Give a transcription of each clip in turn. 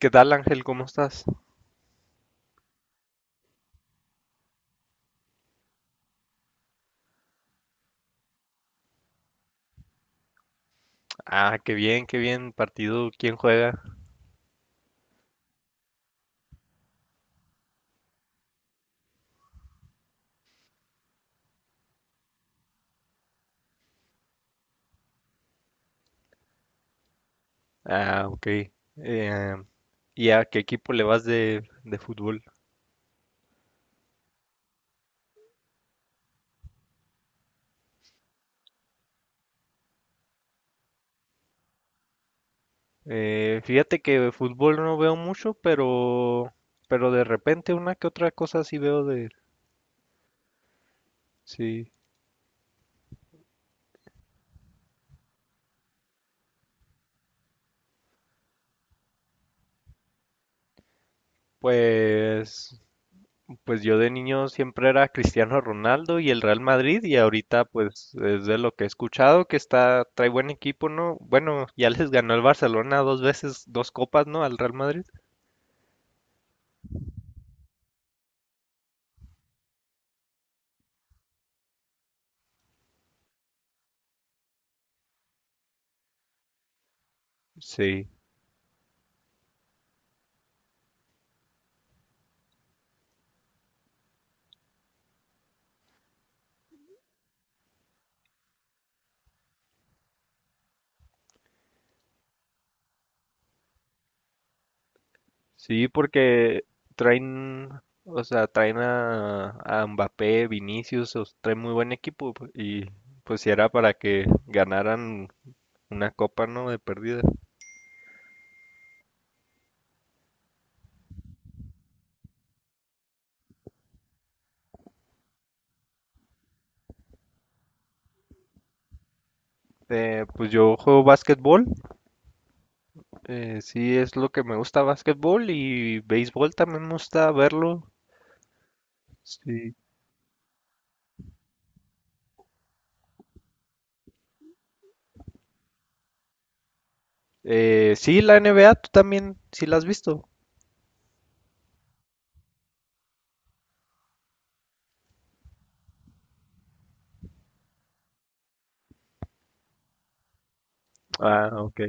¿Qué tal, Ángel? ¿Cómo estás? Ah, qué bien, qué bien. Partido, ¿quién juega? Ah, ok. Eh, ¿Y a qué equipo le vas de fútbol? Fíjate que fútbol no veo mucho, pero de repente una que otra cosa sí veo de... Sí, pues, pues yo de niño siempre era Cristiano Ronaldo y el Real Madrid y ahorita pues es de lo que he escuchado que está, trae buen equipo, ¿no? Bueno, ya les ganó el Barcelona dos veces, dos copas, ¿no? Al Real Madrid. Sí, sí, porque traen, o sea, traen a Mbappé, Vinicius, traen muy buen equipo y pues si era para que ganaran una copa, ¿no? De pérdida. Pues yo juego básquetbol, sí es lo que me gusta básquetbol y béisbol también me gusta verlo. Sí. Sí, la NBA, tú también, sí la has visto. Ah, ok.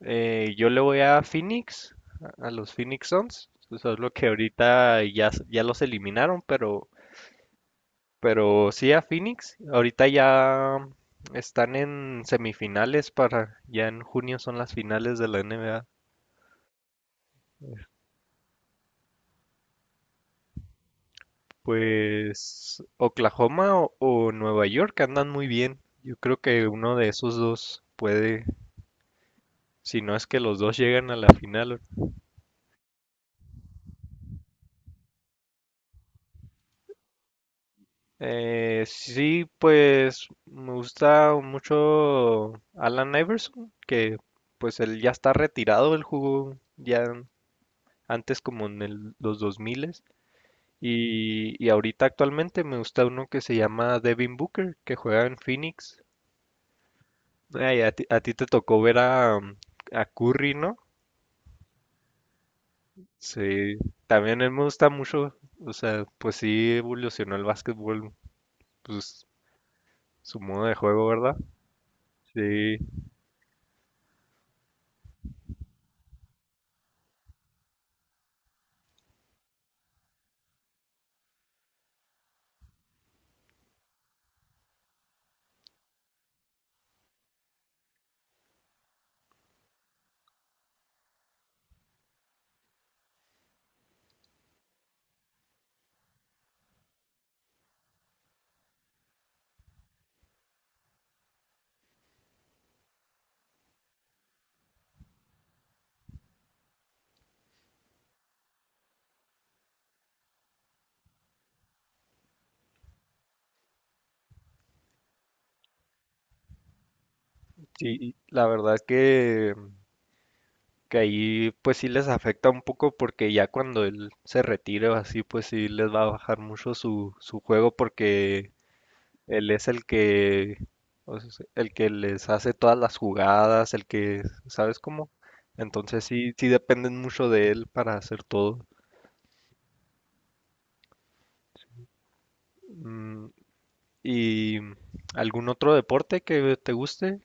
Yo le voy a Phoenix, a los Phoenix Suns. Solo que ahorita ya, ya los eliminaron, pero sí a Phoenix. Ahorita ya están en semifinales para, ya en junio son las finales de la NBA. Pues Oklahoma o Nueva York andan muy bien. Yo creo que uno de esos dos puede, si no es que los dos llegan a la final. Sí, pues me gusta mucho Alan Iverson, que pues él ya está retirado, él jugó ya antes como en los 2000 y ahorita actualmente me gusta uno que se llama Devin Booker, que juega en Phoenix. Ay, a ti te tocó ver a a Curry, ¿no? Sí, también él me gusta mucho, o sea, pues sí evolucionó el básquetbol, pues su modo de juego, ¿verdad? Sí. Sí, la verdad que ahí pues sí les afecta un poco porque ya cuando él se retire o así pues sí les va a bajar mucho su, su juego porque él es el que o sea, el que les hace todas las jugadas, el que, ¿sabes cómo? Entonces sí, sí dependen mucho de él para hacer todo. Mm. ¿Y algún otro deporte que te guste?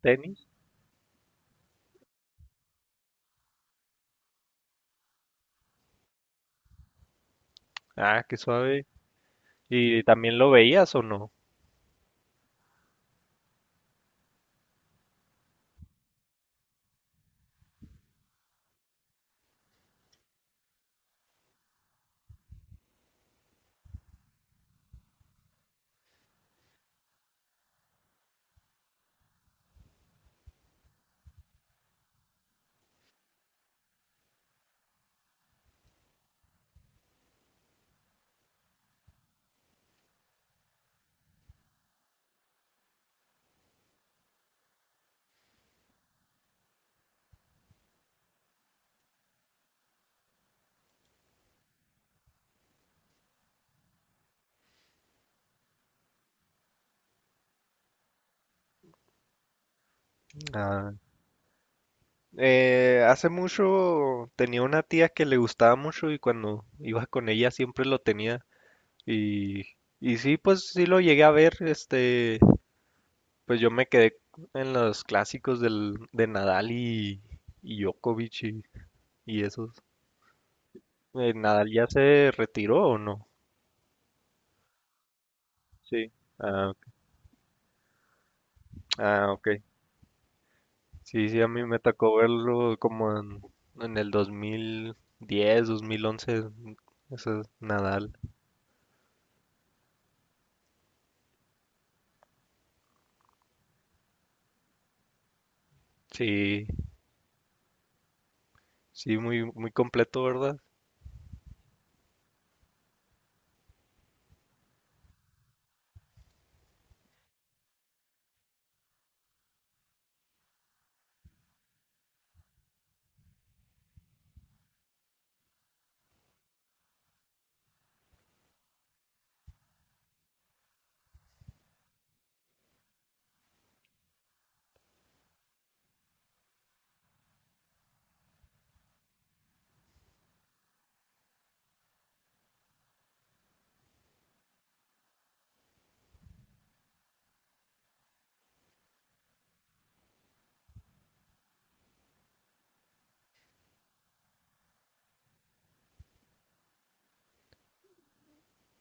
¿Tenis? Ah, qué suave. ¿Y también lo veías o no? Hace mucho tenía una tía que le gustaba mucho y cuando iba con ella siempre lo tenía. Y, y sí, pues sí lo llegué a ver. Este, pues yo me quedé en los clásicos de Nadal y Djokovic y esos. ¿Nadal ya se retiró o no? Sí. Ah, ah, ok. Sí, sí, a mí me tocó verlo como en el 2010, 2011, ese Nadal. Sí. Sí, muy, muy completo, ¿verdad?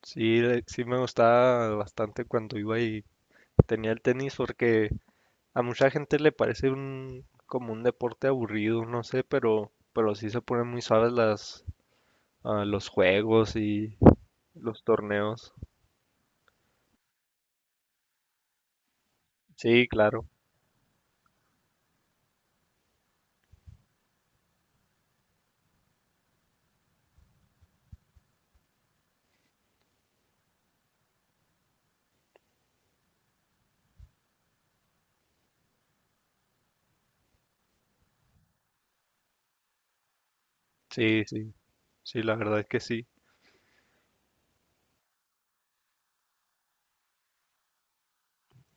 Sí, sí me gustaba bastante cuando iba y tenía el tenis porque a mucha gente le parece un como un deporte aburrido, no sé, pero sí se ponen muy suaves los juegos y los torneos. Sí, claro. Sí, sí. Sí, la verdad es que sí.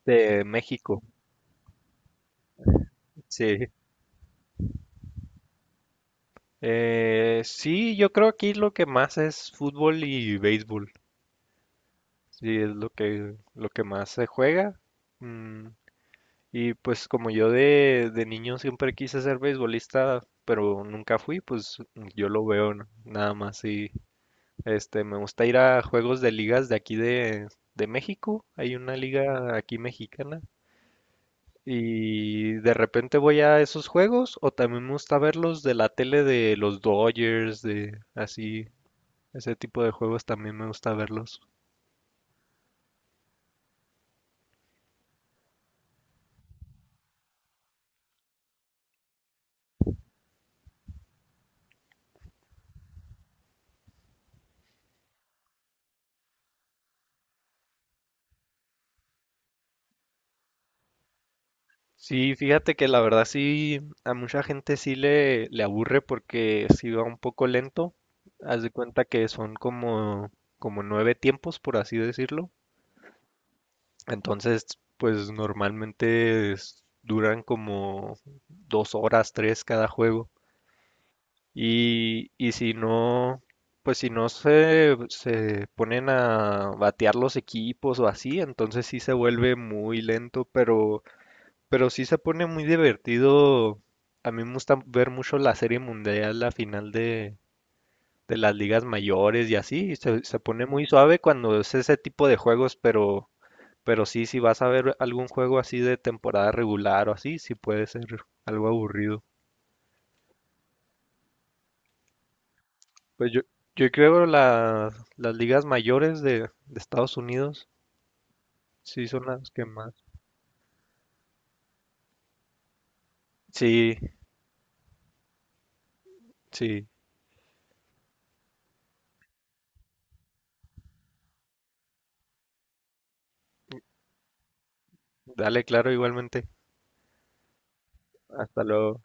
De México. Sí. Sí, yo creo aquí lo que más es fútbol y béisbol. Sí, es lo que más se juega. Mm. Y pues como yo de niño siempre quise ser beisbolista, pero nunca fui, pues yo lo veo nada más y este me gusta ir a juegos de ligas de aquí de México, hay una liga aquí mexicana y de repente voy a esos juegos o también me gusta verlos de la tele de los Dodgers, de así, ese tipo de juegos también me gusta verlos. Sí, fíjate que la verdad sí, a mucha gente sí le aburre porque sí va un poco lento. Haz de cuenta que son como nueve tiempos, por así decirlo. Entonces, pues normalmente duran como dos horas, tres cada juego. Y si no, pues si no se ponen a batear los equipos o así, entonces sí se vuelve muy lento, pero... Pero sí se pone muy divertido. A mí me gusta ver mucho la Serie Mundial, la final de las ligas mayores y así. Se pone muy suave cuando es ese tipo de juegos, pero sí, si vas a ver algún juego así de temporada regular o así, sí puede ser algo aburrido. Pues yo, yo creo las ligas mayores de Estados Unidos sí son las que más. Sí, sí. Dale, claro, igualmente. Hasta luego.